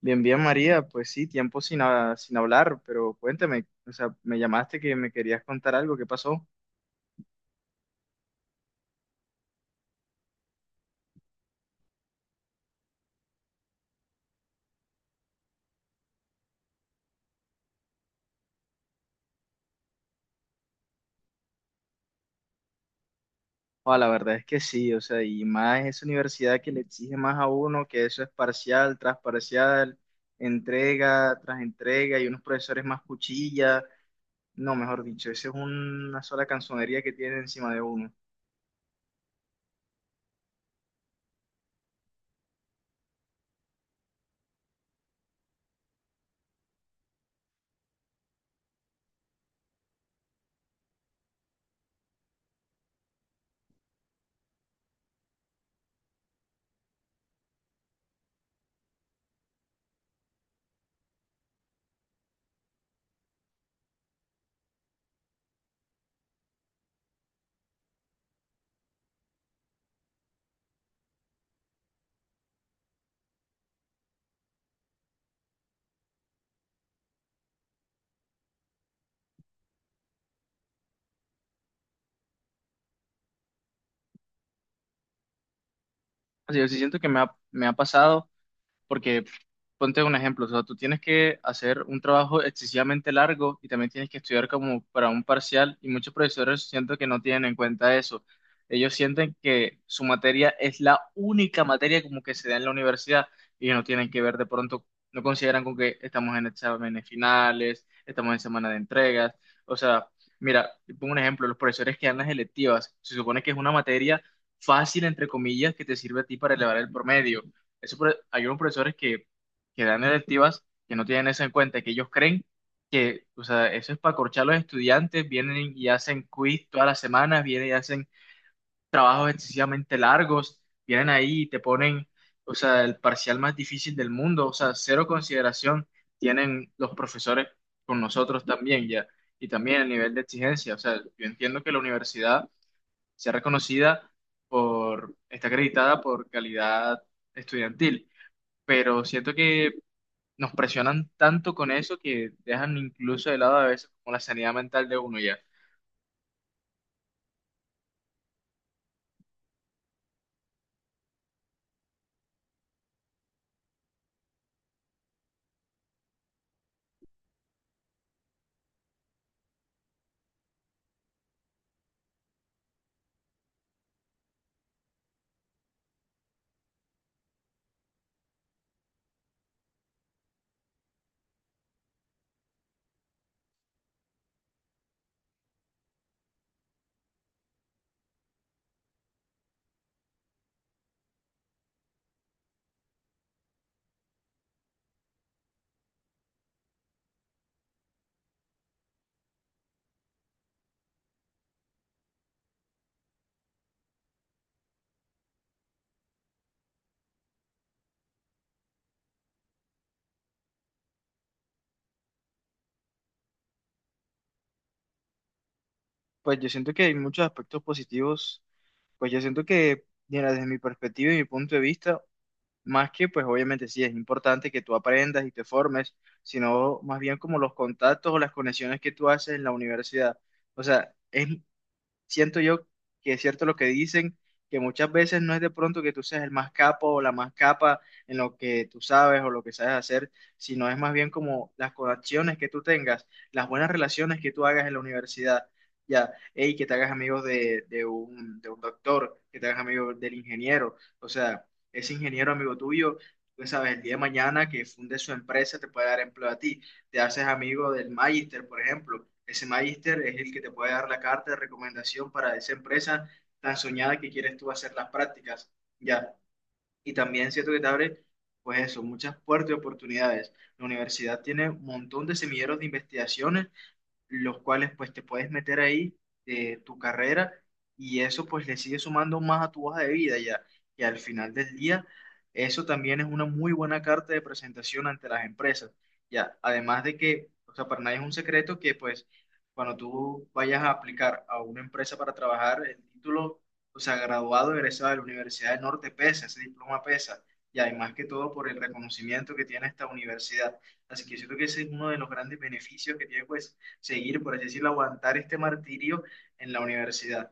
Bien, bien, María, pues sí, tiempo sin, sin hablar, pero cuéntame, o sea, me llamaste que me querías contar algo, ¿qué pasó? Ah, la verdad es que sí, o sea, y más esa universidad que le exige más a uno, que eso es parcial, tras parcial, entrega, tras entrega, y unos profesores más cuchilla, no, mejor dicho, esa es una sola canzonería que tiene encima de uno. O sea, yo sí siento que me ha pasado. Porque pf, ponte un ejemplo, o sea, tú tienes que hacer un trabajo excesivamente largo y también tienes que estudiar como para un parcial y muchos profesores siento que no tienen en cuenta eso. Ellos sienten que su materia es la única materia como que se da en la universidad y no tienen que ver de pronto, no consideran con que estamos en exámenes finales, estamos en semana de entregas, o sea, mira, te pongo un ejemplo, los profesores que dan las electivas, se supone que es una materia fácil, entre comillas, que te sirve a ti para elevar el promedio, eso hay unos profesores que dan electivas que no tienen eso en cuenta, que ellos creen que, o sea, eso es para corchar a los estudiantes, vienen y hacen quiz todas las semanas, vienen y hacen trabajos excesivamente largos, vienen ahí y te ponen, o sea, el parcial más difícil del mundo, o sea, cero consideración tienen los profesores con nosotros también ya, y también el nivel de exigencia, o sea, yo entiendo que la universidad sea reconocida por, está acreditada por calidad estudiantil, pero siento que nos presionan tanto con eso que dejan incluso de lado a veces como la sanidad mental de uno ya. Pues yo siento que hay muchos aspectos positivos, pues yo siento que, mira, desde mi perspectiva y mi punto de vista, más que pues obviamente sí es importante que tú aprendas y te formes, sino más bien como los contactos o las conexiones que tú haces en la universidad. O sea, es, siento yo, que es cierto lo que dicen, que muchas veces no es de pronto que tú seas el más capo o la más capa en lo que tú sabes o lo que sabes hacer, sino es más bien como las conexiones que tú tengas, las buenas relaciones que tú hagas en la universidad. Ya, hey, que te hagas amigos de un doctor, que te hagas amigo del ingeniero, o sea, ese ingeniero amigo tuyo, tú sabes, el día de mañana que funde su empresa te puede dar empleo a ti, te haces amigo del magister, por ejemplo. Ese magister es el que te puede dar la carta de recomendación para esa empresa tan soñada que quieres tú hacer las prácticas, ya. Y también siento que te abre, pues eso, muchas puertas de oportunidades. La universidad tiene un montón de semilleros de investigaciones los cuales pues te puedes meter ahí de tu carrera y eso pues le sigue sumando más a tu hoja de vida ya. Y al final del día, eso también es una muy buena carta de presentación ante las empresas. Ya, además de que, o sea, para nadie es un secreto que pues cuando tú vayas a aplicar a una empresa para trabajar, el título, o sea, graduado, egresado de la Universidad del Norte pesa, ese diploma pesa. Y además que todo por el reconocimiento que tiene esta universidad. Así que yo creo que ese es uno de los grandes beneficios que tiene pues seguir, por así decirlo, aguantar este martirio en la universidad.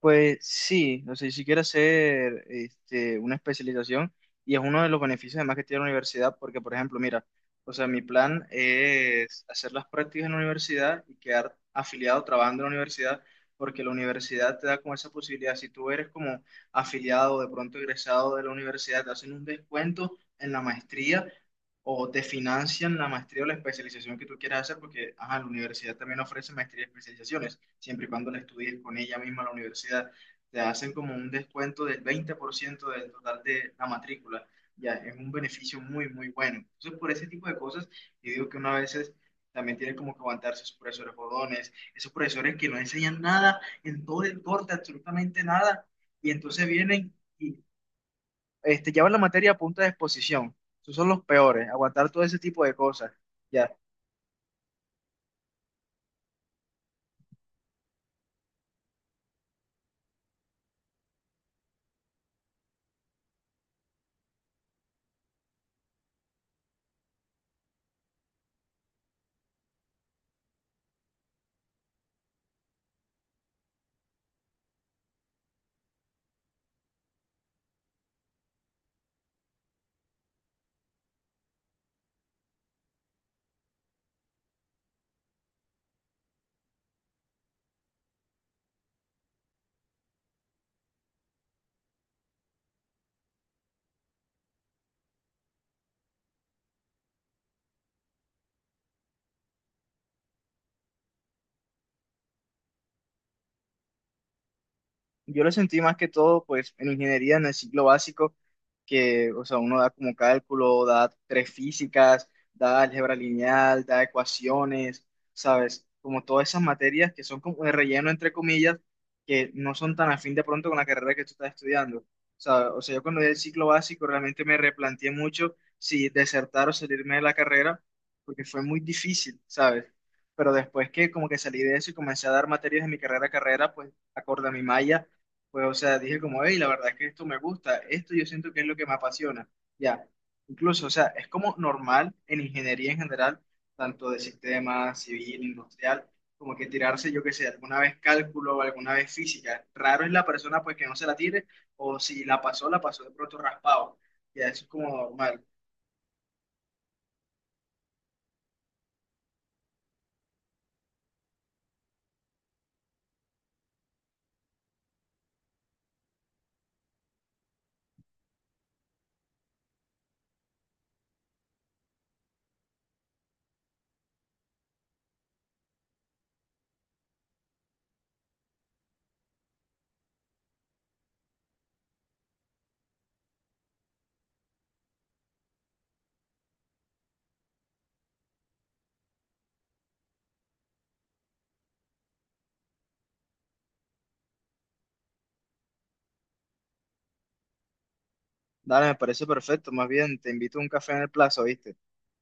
Pues sí, o sea, si quieres hacer este, una especialización, y es uno de los beneficios además que tiene la universidad, porque por ejemplo, mira, o sea, mi plan es hacer las prácticas en la universidad y quedar afiliado trabajando en la universidad, porque la universidad te da como esa posibilidad, si tú eres como afiliado, de pronto egresado de la universidad, te hacen un descuento en la maestría o te financian la maestría o la especialización que tú quieras hacer, porque ajá, la universidad también ofrece maestría y especializaciones siempre y cuando la estudies con ella misma en la universidad, te hacen como un descuento del 20% del total de la matrícula. Ya, es un beneficio muy, muy bueno. Entonces, por ese tipo de cosas, yo digo que uno a veces también tiene como que aguantarse esos profesores jodones, esos profesores que no enseñan nada en todo el corte, absolutamente nada, y entonces vienen y este, llevan la materia a punta de exposición. Esos son los peores, aguantar todo ese tipo de cosas. Ya. Yo lo sentí más que todo, pues, en ingeniería, en el ciclo básico, que, o sea, uno da como cálculo, da tres físicas, da álgebra lineal, da ecuaciones, ¿sabes? Como todas esas materias que son como de relleno, entre comillas, que no son tan afín de pronto con la carrera que tú estás estudiando. O sea, yo cuando di el ciclo básico realmente me replanteé mucho si desertar o salirme de la carrera, porque fue muy difícil, ¿sabes? Pero después que como que salí de eso y comencé a dar materias en mi carrera a carrera, pues acorde a mi malla, pues, o sea, dije como, hey, la verdad es que esto me gusta, esto yo siento que es lo que me apasiona. Ya, incluso, o sea, es como normal en ingeniería en general, tanto de sistemas, civil, industrial, como que tirarse, yo qué sé, alguna vez cálculo o alguna vez física. Raro es la persona pues que no se la tire, o si la pasó, la pasó de pronto raspado. Ya, eso es como normal. Dale, me parece perfecto, más bien, te invito a un café en el plazo, ¿viste?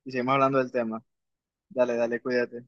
Y seguimos hablando del tema. Dale, dale, cuídate.